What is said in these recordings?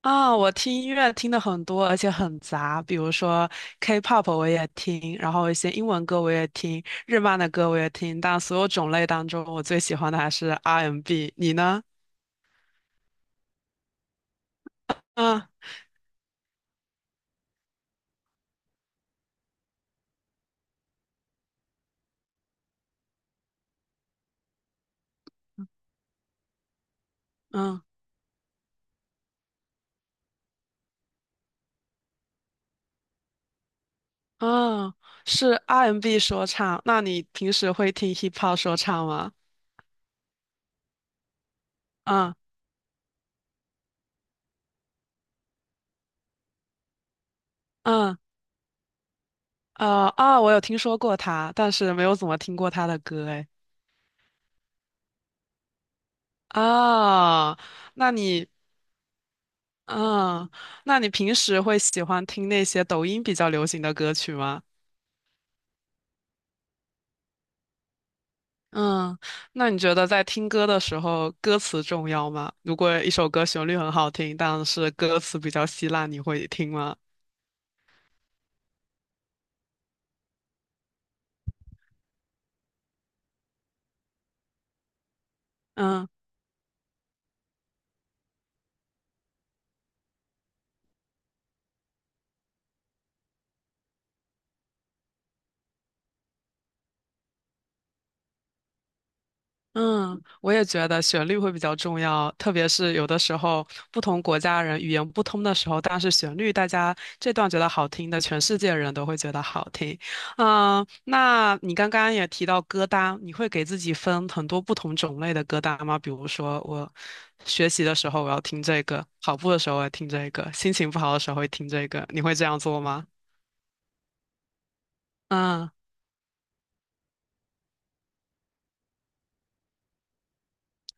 啊，我听音乐听的很多，而且很杂，比如说 K-pop 我也听，然后一些英文歌我也听，日漫的歌我也听，但所有种类当中，我最喜欢的还是 R&B。你呢？嗯嗯嗯，是 R&B 说唱。那你平时会听 hip hop 说唱吗？嗯嗯我有听说过他，但是没有怎么听过他的歌诶。哎啊，那你嗯，那你平时会喜欢听那些抖音比较流行的歌曲吗？嗯，那你觉得在听歌的时候，歌词重要吗？如果一首歌旋律很好听，但是歌词比较稀烂，你会听吗？嗯。嗯，我也觉得旋律会比较重要，特别是有的时候不同国家人语言不通的时候，但是旋律大家这段觉得好听的，全世界人都会觉得好听。嗯，那你刚刚也提到歌单，你会给自己分很多不同种类的歌单吗？比如说我学习的时候我要听这个，跑步的时候我要听这个，心情不好的时候会听这个，你会这样做吗？嗯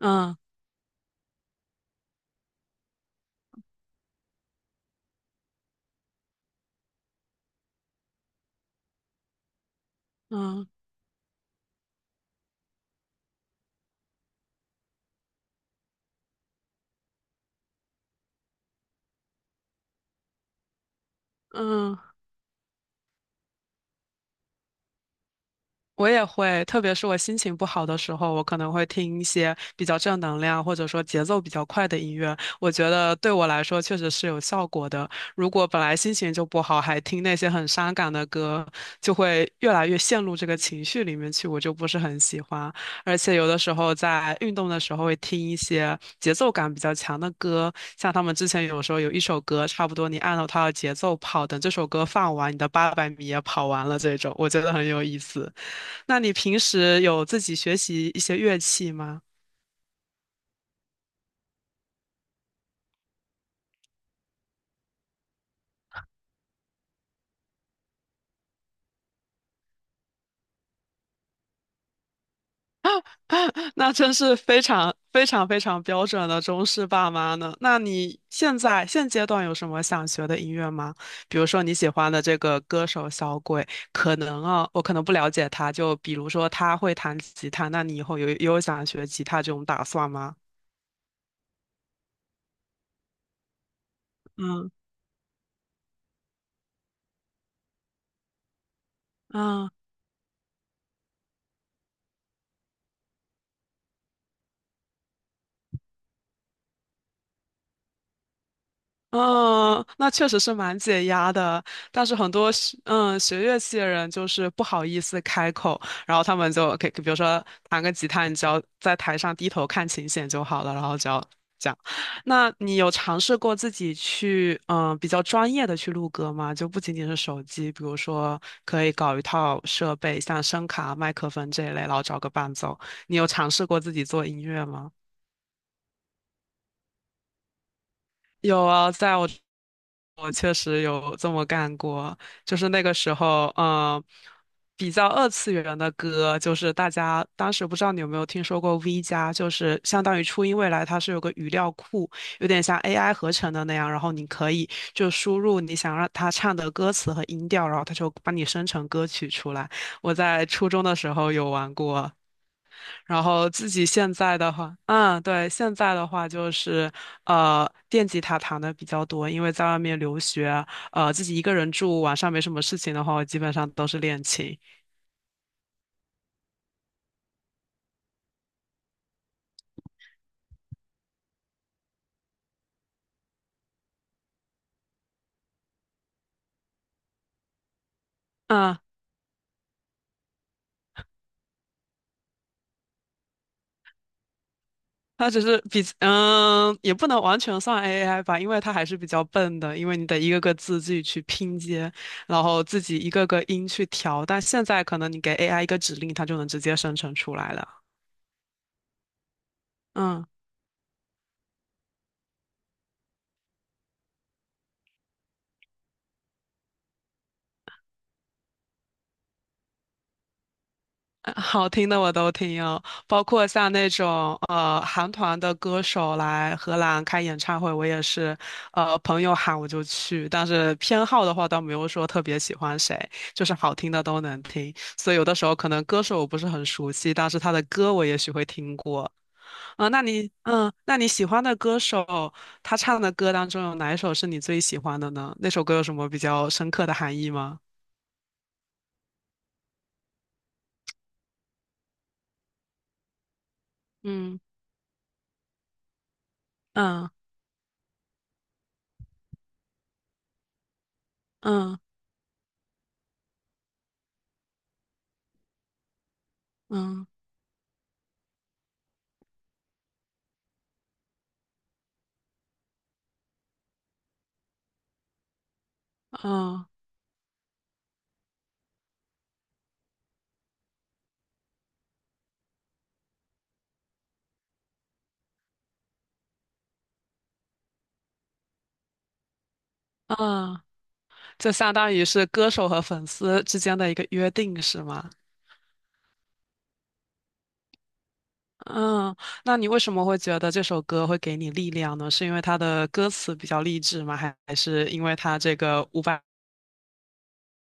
嗯嗯嗯。我也会，特别是我心情不好的时候，我可能会听一些比较正能量或者说节奏比较快的音乐。我觉得对我来说确实是有效果的。如果本来心情就不好，还听那些很伤感的歌，就会越来越陷入这个情绪里面去，我就不是很喜欢。而且有的时候在运动的时候会听一些节奏感比较强的歌，像他们之前有时候有一首歌，差不多你按照它的节奏跑，等这首歌放完，你的800米也跑完了这种，我觉得很有意思。那你平时有自己学习一些乐器吗？那真是非常非常非常标准的中式爸妈呢。那你现在现阶段有什么想学的音乐吗？比如说你喜欢的这个歌手小鬼，可能啊，我可能不了解他，就比如说他会弹吉他，那你以后有想学吉他这种打算吗？嗯嗯嗯，那确实是蛮解压的，但是很多学乐器的人就是不好意思开口，然后他们就可以，比如说弹个吉他，你只要在台上低头看琴弦就好了，然后只要讲。那你有尝试过自己去比较专业的去录歌吗？就不仅仅是手机，比如说可以搞一套设备，像声卡、麦克风这一类，然后找个伴奏。你有尝试过自己做音乐吗？有啊，我确实有这么干过，就是那个时候，比较二次元的歌，就是大家当时不知道你有没有听说过 V 加，就是相当于初音未来，它是有个语料库，有点像 AI 合成的那样，然后你可以就输入你想让它唱的歌词和音调，然后它就帮你生成歌曲出来。我在初中的时候有玩过，然后自己现在的话，对，现在的话就是，电吉他弹的比较多，因为在外面留学，自己一个人住，晚上没什么事情的话，我基本上都是练琴。嗯，它只是比，也不能完全算 AI 吧，因为它还是比较笨的，因为你得一个个字自己去拼接，然后自己一个个音去调。但现在可能你给 AI 一个指令，它就能直接生成出来了。嗯。好听的我都听哦，包括像那种韩团的歌手来荷兰开演唱会，我也是朋友喊我就去，但是偏好的话倒没有说特别喜欢谁，就是好听的都能听，所以有的时候可能歌手我不是很熟悉，但是他的歌我也许会听过。啊、那你那你喜欢的歌手他唱的歌当中有哪一首是你最喜欢的呢？那首歌有什么比较深刻的含义吗？嗯嗯嗯嗯嗯嗯。就相当于是歌手和粉丝之间的一个约定，是吗？嗯，那你为什么会觉得这首歌会给你力量呢？是因为它的歌词比较励志吗？还是因为它这个五百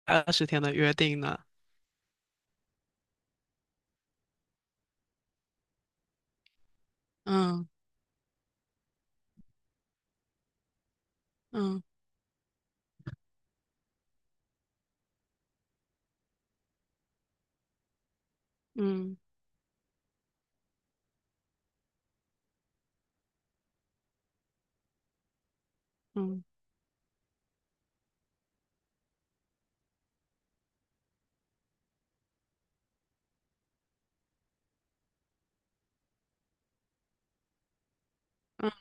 二十天的约定呢？嗯嗯嗯嗯嗯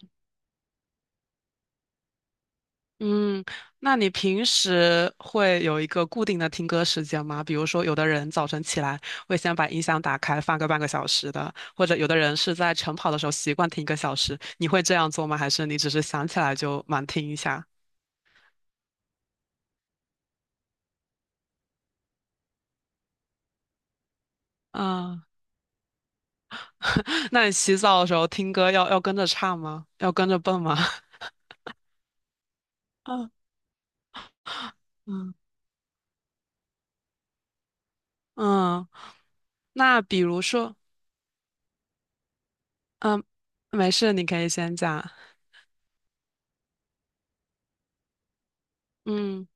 嗯，那你平时会有一个固定的听歌时间吗？比如说，有的人早晨起来会先把音响打开放个半个小时的，或者有的人是在晨跑的时候习惯听一个小时。你会这样做吗？还是你只是想起来就蛮听一下？啊，那你洗澡的时候听歌要跟着唱吗？要跟着蹦吗？嗯嗯嗯，那比如说，嗯，没事，你可以先讲。嗯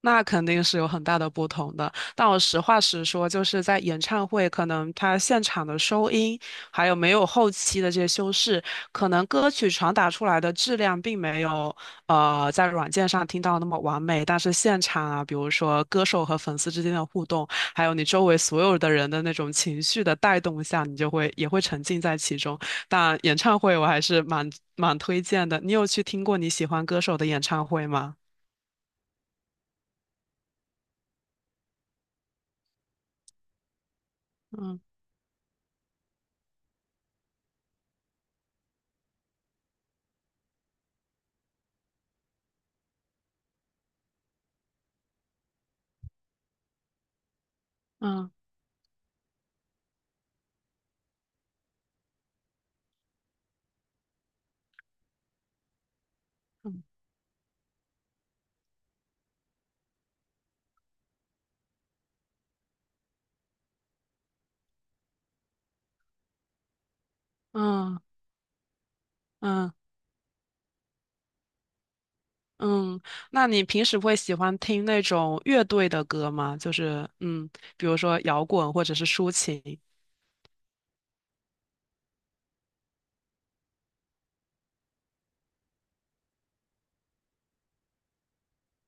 那肯定是有很大的不同的。但我实话实说，就是在演唱会，可能它现场的收音，还有没有后期的这些修饰，可能歌曲传达出来的质量并没有在软件上听到那么完美。但是现场啊，比如说歌手和粉丝之间的互动，还有你周围所有的人的那种情绪的带动下，你就会也会沉浸在其中。但演唱会我还是蛮推荐的。你有去听过你喜欢歌手的演唱会吗？嗯嗯。嗯嗯嗯嗯，那你平时会喜欢听那种乐队的歌吗？就是比如说摇滚或者是抒情。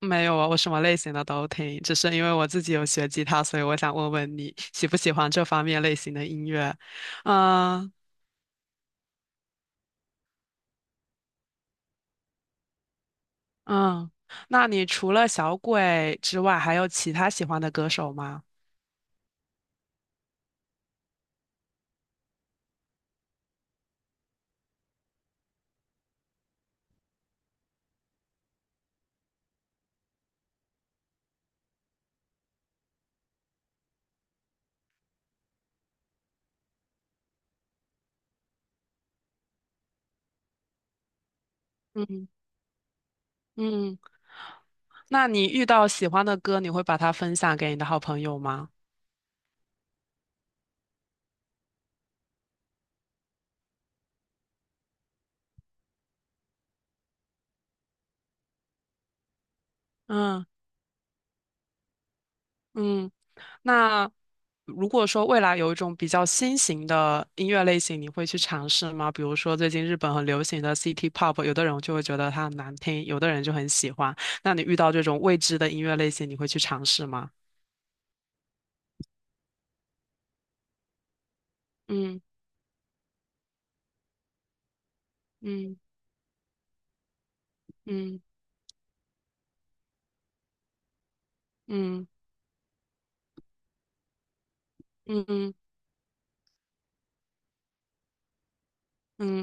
没有啊，我什么类型的都听，只是因为我自己有学吉他，所以我想问问你喜不喜欢这方面类型的音乐。嗯嗯，那你除了小鬼之外，还有其他喜欢的歌手吗？嗯嗯，那你遇到喜欢的歌，你会把它分享给你的好朋友吗？嗯嗯。那如果说未来有一种比较新型的音乐类型，你会去尝试吗？比如说最近日本很流行的 City Pop，有的人就会觉得它很难听，有的人就很喜欢。那你遇到这种未知的音乐类型，你会去尝试吗？嗯嗯嗯嗯嗯嗯嗯嗯。